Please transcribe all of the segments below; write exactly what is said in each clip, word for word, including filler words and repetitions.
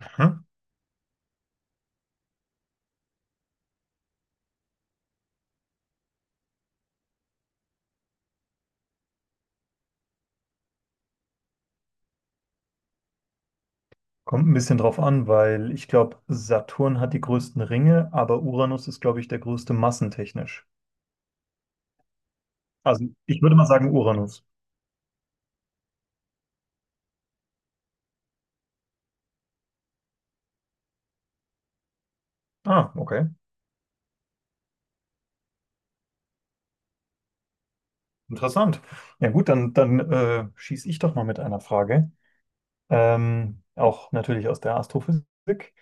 Hm? Kommt ein bisschen drauf an, weil ich glaube, Saturn hat die größten Ringe, aber Uranus ist, glaube ich, der größte massentechnisch. Also ich würde mal sagen Uranus. Ah, okay. Interessant. Ja gut, dann, dann äh, schieße ich doch mal mit einer Frage. Ähm, auch natürlich aus der Astrophysik.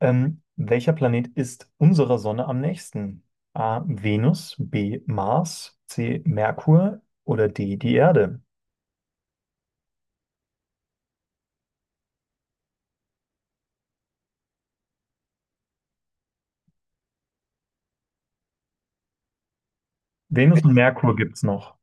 Ähm, welcher Planet ist unserer Sonne am nächsten? A. Venus, B. Mars, C. Merkur oder D. die Erde? Venus und Merkur gibt es noch.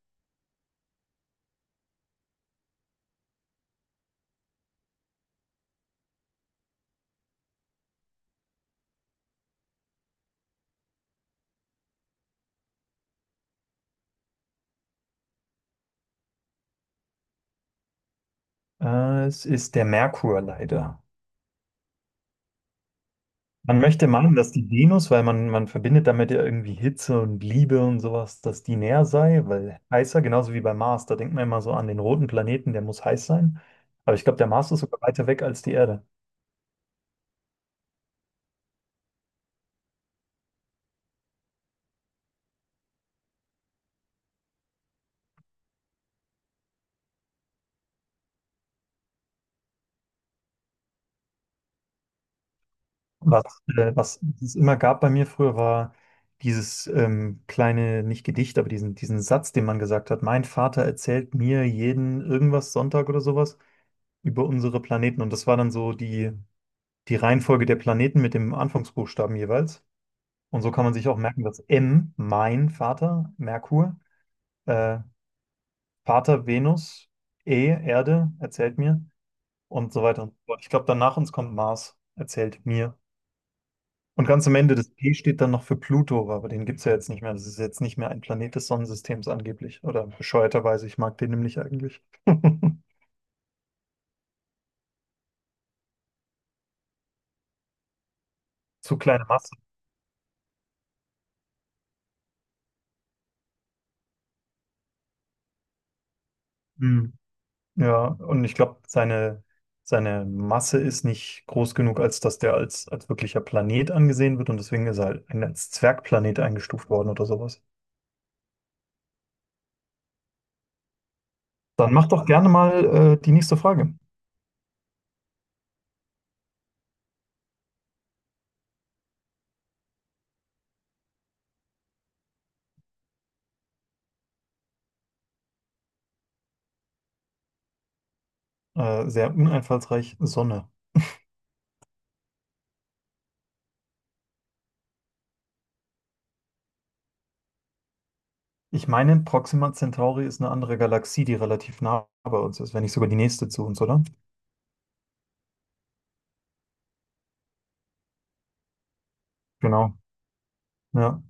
Äh, es ist der Merkur leider. Man möchte meinen, dass die Venus, weil man, man verbindet damit ja irgendwie Hitze und Liebe und sowas, dass die näher sei, weil heißer, genauso wie bei Mars, da denkt man immer so an den roten Planeten, der muss heiß sein. Aber ich glaube, der Mars ist sogar weiter weg als die Erde. Was, äh, was es immer gab bei mir früher, war dieses ähm, kleine, nicht Gedicht, aber diesen, diesen Satz, den man gesagt hat, mein Vater erzählt mir jeden irgendwas Sonntag oder sowas über unsere Planeten. Und das war dann so die, die Reihenfolge der Planeten mit dem Anfangsbuchstaben jeweils. Und so kann man sich auch merken, dass M, mein Vater, Merkur, äh, Vater, Venus, E, Erde, erzählt mir und so weiter und so fort. Ich glaube, danach uns kommt Mars, erzählt mir. Und ganz am Ende, das P steht dann noch für Pluto, aber den gibt es ja jetzt nicht mehr. Das ist jetzt nicht mehr ein Planet des Sonnensystems angeblich. Oder bescheuerterweise, ich mag den nämlich eigentlich. Zu kleine Masse. Mm. Ja, und ich glaube, seine, seine Masse ist nicht groß genug, als dass der als, als wirklicher Planet angesehen wird und deswegen ist er halt ein- als Zwergplanet eingestuft worden oder sowas. Dann mach doch gerne mal äh, die nächste Frage. Äh, sehr uneinfallsreich, Sonne. Ich meine, Proxima Centauri ist eine andere Galaxie, die relativ nah bei uns ist, wenn nicht sogar die nächste zu uns, oder? Genau. Ja,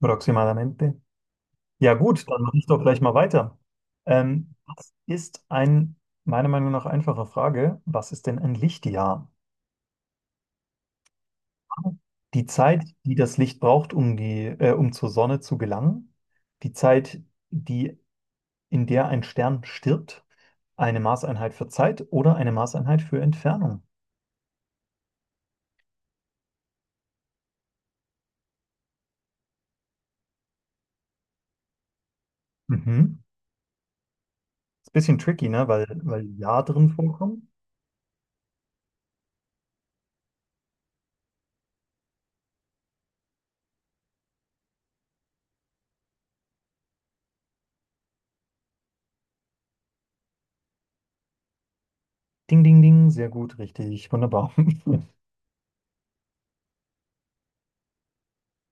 Proximamente. Ja gut, dann mache ich doch gleich mal weiter. Ähm, was ist ein, meiner Meinung nach, einfache Frage, was ist denn ein Lichtjahr? Die Zeit, die das Licht braucht, um die, äh, um zur Sonne zu gelangen, die Zeit, die, in der ein Stern stirbt, eine Maßeinheit für Zeit oder eine Maßeinheit für Entfernung. Mhm. Ist ein bisschen tricky, ne? Weil, weil Jahr drin vorkommt. Ding, ding, ding, sehr gut, richtig, wunderbar.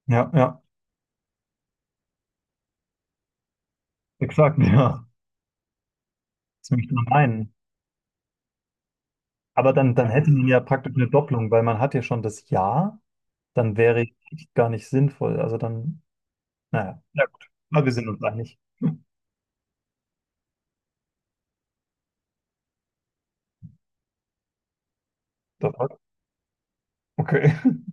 Ja, ja, exakt, ja. Das möchte man meinen. Aber dann, dann hätte man ja praktisch eine Doppelung, weil man hat ja schon das Ja, dann wäre ich gar nicht sinnvoll. Also dann, naja, ja gut, aber wir sind uns einig. Das war's. Okay.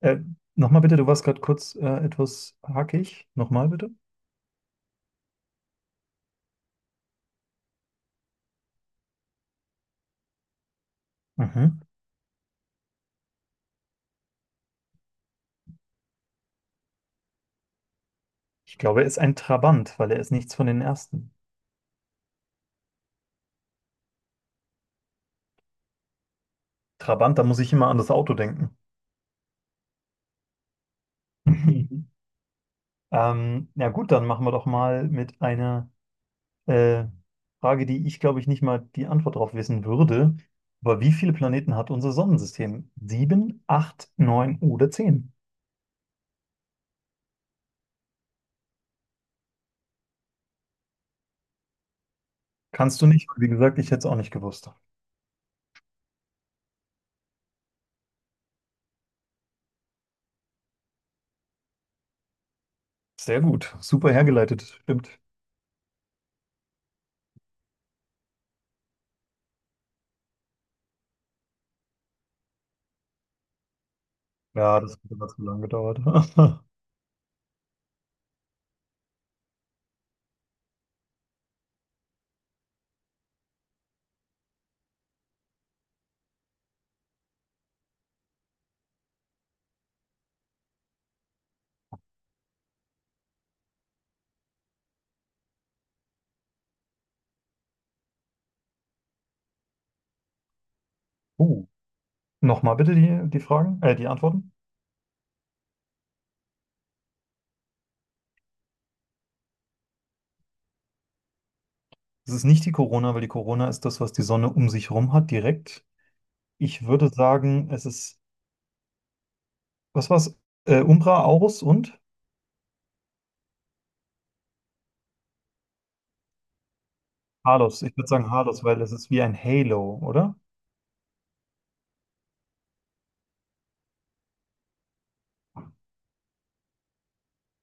Äh, Nochmal bitte, du warst gerade kurz äh, etwas hackig. Nochmal bitte. Mhm. Ich glaube, er ist ein Trabant, weil er ist nichts von den ersten. Trabant, da muss ich immer an das Auto denken. Mhm. Ähm, ja gut, dann machen wir doch mal mit einer Äh, Frage, die ich, glaube ich, nicht mal die Antwort darauf wissen würde. Aber wie viele Planeten hat unser Sonnensystem? Sieben, acht, neun oder zehn? Kannst du nicht, weil, wie gesagt, ich hätte es auch nicht gewusst. Sehr gut, super hergeleitet, stimmt. Ja, das hat aber zu lange gedauert. Uh, nochmal bitte die, die Fragen, äh, die Antworten. Es ist nicht die Corona, weil die Corona ist das, was die Sonne um sich herum hat, direkt. Ich würde sagen, es ist, Was war's? Äh, Umbra, Aurus und? Halos. Ich würde sagen Halos, weil es ist wie ein Halo, oder?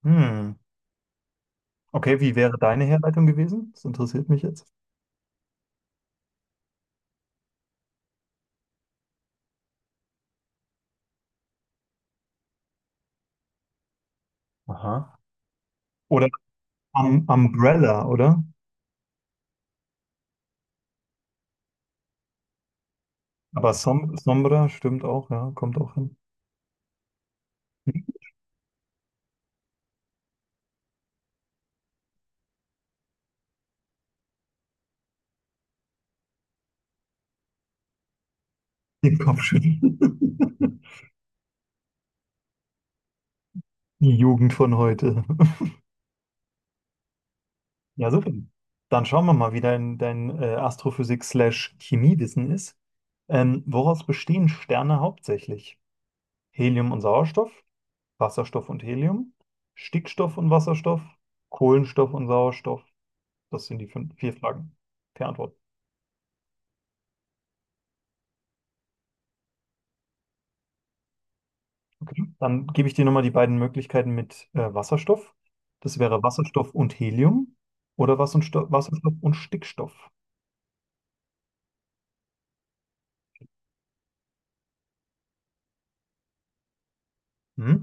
Hm. Okay, wie wäre deine Herleitung gewesen? Das interessiert mich jetzt. Aha. Oder um, Umbrella, oder? Aber Som Sombra stimmt auch, ja, kommt auch hin. Den Kopf schütteln. Die Jugend von heute. Ja, super. Dann schauen wir mal, wie dein, dein äh, Astrophysik-slash-Chemiewissen ist. Ähm, woraus bestehen Sterne hauptsächlich? Helium und Sauerstoff, Wasserstoff und Helium, Stickstoff und Wasserstoff, Kohlenstoff und Sauerstoff. Das sind die fünf, vier Fragen. Per Antwort. Dann gebe ich dir nochmal die beiden Möglichkeiten mit äh, Wasserstoff. Das wäre Wasserstoff und Helium oder Wasserstoff, Wasserstoff und Stickstoff. Hm?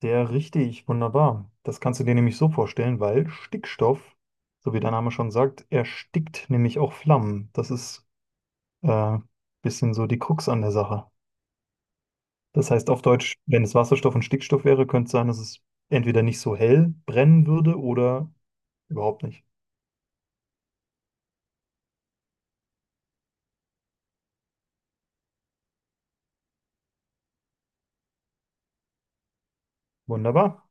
Sehr richtig, wunderbar. Das kannst du dir nämlich so vorstellen, weil Stickstoff, so wie der Name schon sagt, erstickt nämlich auch Flammen. Das ist äh, ein äh, bisschen so die Krux an der Sache. Das heißt auf Deutsch, wenn es Wasserstoff und Stickstoff wäre, könnte es sein, dass es entweder nicht so hell brennen würde oder überhaupt nicht. Wunderbar.